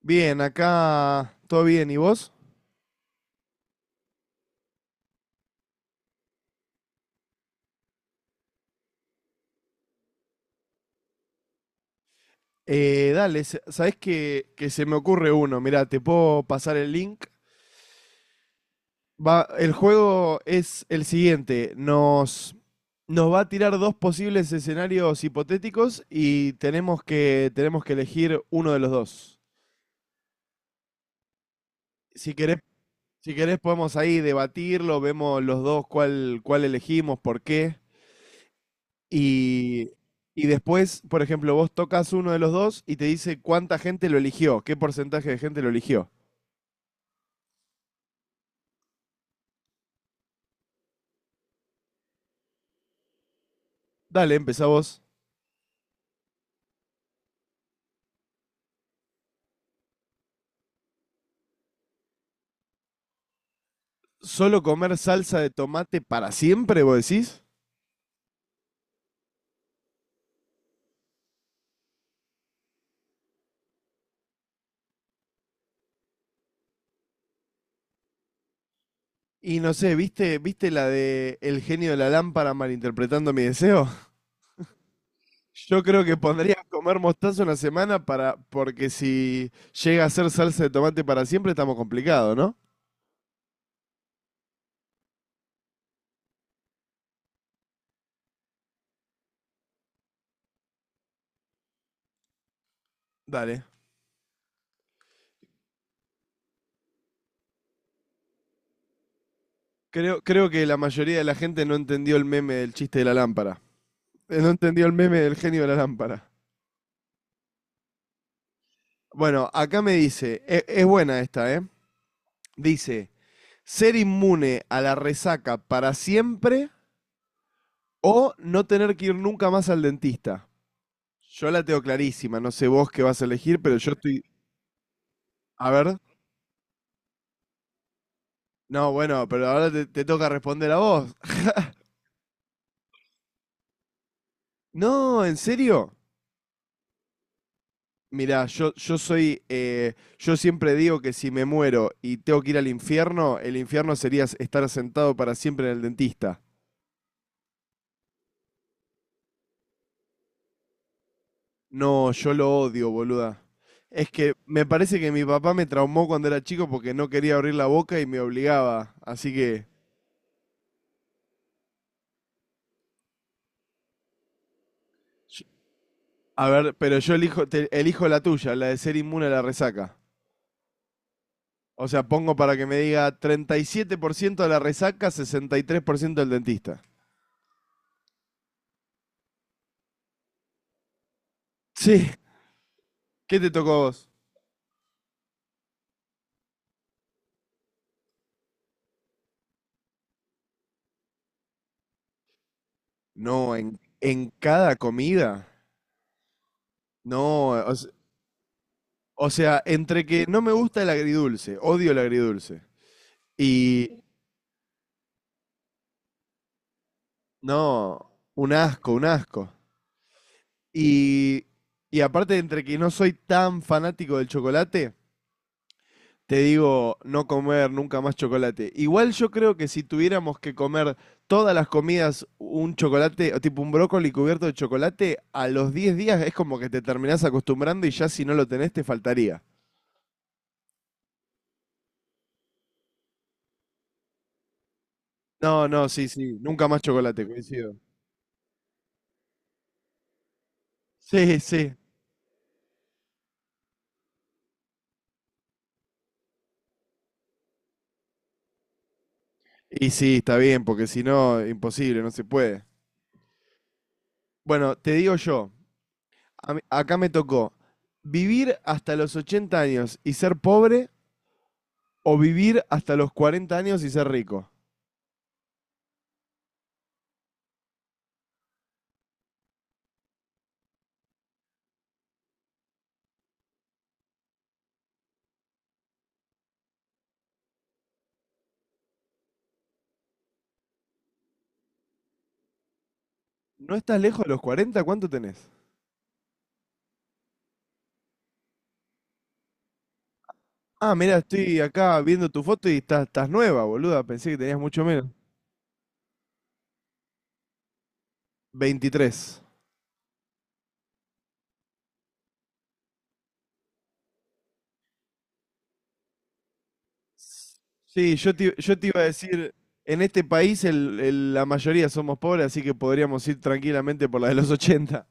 Bien, acá todo bien. ¿Y vos? Dale, ¿sabés que se me ocurre uno? Mirá, te puedo pasar el link. Va, el juego es el siguiente. Nos va a tirar dos posibles escenarios hipotéticos y tenemos que elegir uno de los dos. Si querés, si querés podemos ahí debatirlo, vemos los dos cuál elegimos, por qué. Y, y después, por ejemplo, vos tocas uno de los dos y te dice cuánta gente lo eligió, qué porcentaje de gente lo eligió. Dale, empezá vos. ¿Solo comer salsa de tomate para siempre, vos decís? Y no sé, ¿viste la de El Genio de la Lámpara malinterpretando mi deseo? Yo creo que pondría comer mostaza una semana, para, porque si llega a ser salsa de tomate para siempre estamos complicados, ¿no? Dale. Creo que la mayoría de la gente no entendió el meme del chiste de la lámpara. No entendió el meme del genio de la lámpara. Bueno, acá me dice, es buena esta, ¿eh? Dice, ser inmune a la resaca para siempre o no tener que ir nunca más al dentista. Yo la tengo clarísima, no sé vos qué vas a elegir, pero yo estoy... A ver. No, bueno, pero ahora te toca responder a vos. No, ¿en serio? Mirá, yo soy... yo siempre digo que si me muero y tengo que ir al infierno, el infierno sería estar sentado para siempre en el dentista. No, yo lo odio, boluda. Es que me parece que mi papá me traumó cuando era chico porque no quería abrir la boca y me obligaba. Así que, yo- a ver, pero yo elijo, elijo la tuya, la de ser inmune a la resaca. O sea, pongo para que me diga 37% de la resaca, 63% del dentista. Sí. ¿Qué te tocó a vos? No, en cada comida. No, o sea, entre que no me gusta el agridulce, odio el agridulce. Y No, un asco, un asco. Y, y aparte, entre que no soy tan fanático del chocolate, te digo no comer nunca más chocolate. Igual yo creo que si tuviéramos que comer todas las comidas un chocolate, o tipo un brócoli cubierto de chocolate, a los 10 días es como que te terminás acostumbrando y ya si no lo tenés te faltaría. No, no, sí, sí, nunca más chocolate, coincido. Sí, sí. Y sí, está bien, porque si no, imposible, no se puede. Bueno, te digo yo. Acá me tocó vivir hasta los 80 años y ser pobre, o vivir hasta los 40 años y ser rico. ¿No estás lejos de los 40? ¿Cuánto tenés? Ah, mira, estoy acá viendo tu foto y estás nueva, boluda. Pensé que tenías mucho menos. 23. Sí, yo te iba a decir, en este país la mayoría somos pobres, así que podríamos ir tranquilamente por la de los 80.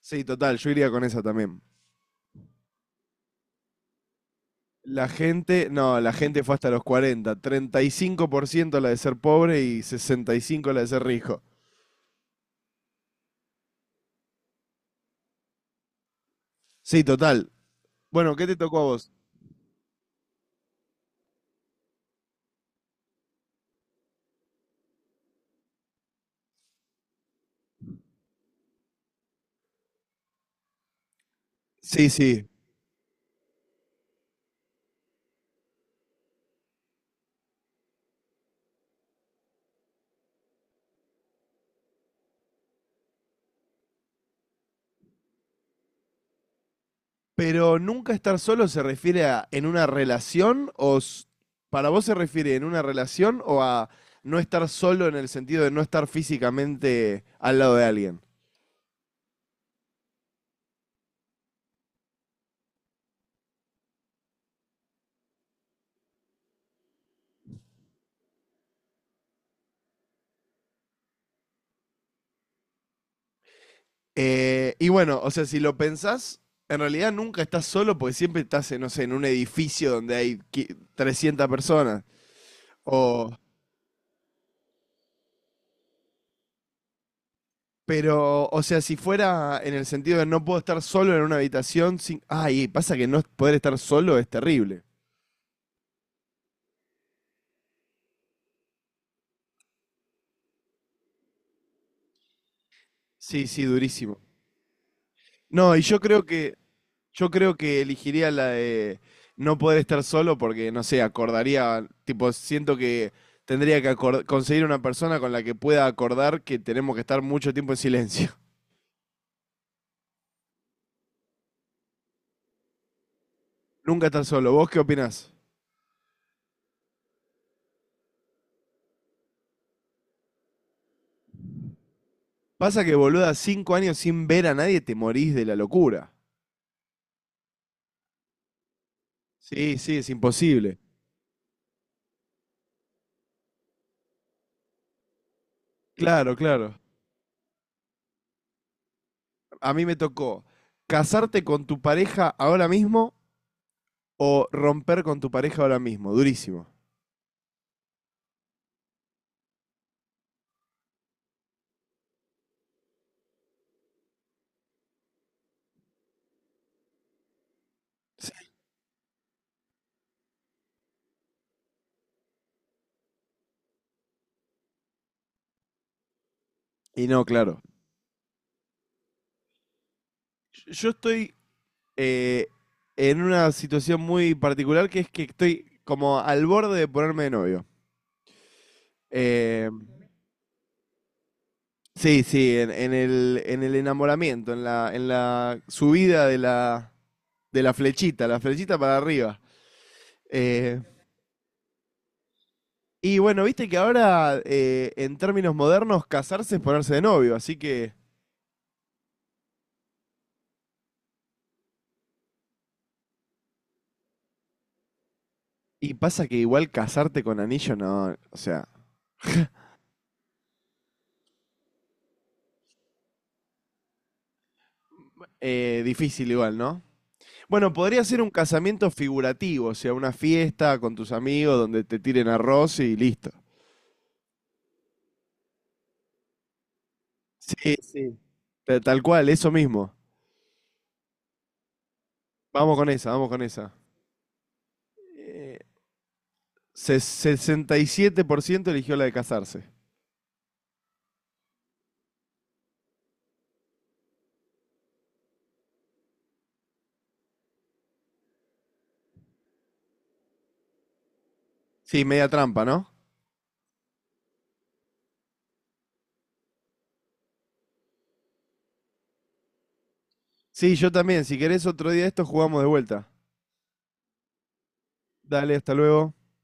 Sí, total, yo iría con esa también. La gente, no, la gente fue hasta los 40, 35% la de ser pobre y 65% la de ser rico. Sí, total. Bueno, ¿qué te tocó a vos? Sí, sí. Pero nunca estar solo se refiere a en una relación o para vos se refiere en una relación o a no estar solo en el sentido de no estar físicamente al lado de alguien. Y bueno, o sea, si lo pensás, en realidad nunca estás solo porque siempre estás, no sé, en un edificio donde hay 300 personas. O, Pero, o sea, si fuera en el sentido de no puedo estar solo en una habitación sin... Ay, pasa que no poder estar solo es terrible. Sí, sí, durísimo. No, yo creo que elegiría la de no poder estar solo porque, no sé, acordaría, tipo, siento que tendría que conseguir una persona con la que pueda acordar que tenemos que estar mucho tiempo en silencio. Nunca estar solo. ¿Vos qué opinás? Pasa que, boluda, 5 años sin ver a nadie te morís de la locura. Sí, sí, es imposible. Claro, claro. A mí me tocó casarte con tu pareja ahora mismo o romper con tu pareja ahora mismo. Durísimo. Y no, claro. Yo estoy eh, en una situación muy particular, que es que estoy como al borde de ponerme de novio. Eh, sí, sí, en el enamoramiento, en la subida de la flechita para arriba. Eh, y bueno, viste que ahora, en términos modernos, casarse es ponerse de novio, así que... Y pasa que igual casarte con anillo, no, o sea, difícil igual, ¿no? Bueno, podría ser un casamiento figurativo, o sea, una fiesta con tus amigos donde te tiren arroz y listo. Sí, sí. Tal cual, eso mismo. Vamos con esa, vamos con esa. Eh, 67% eligió la de casarse. Sí, media trampa, ¿no? Sí, yo también. Si querés otro día de esto, jugamos de vuelta. Dale, hasta luego.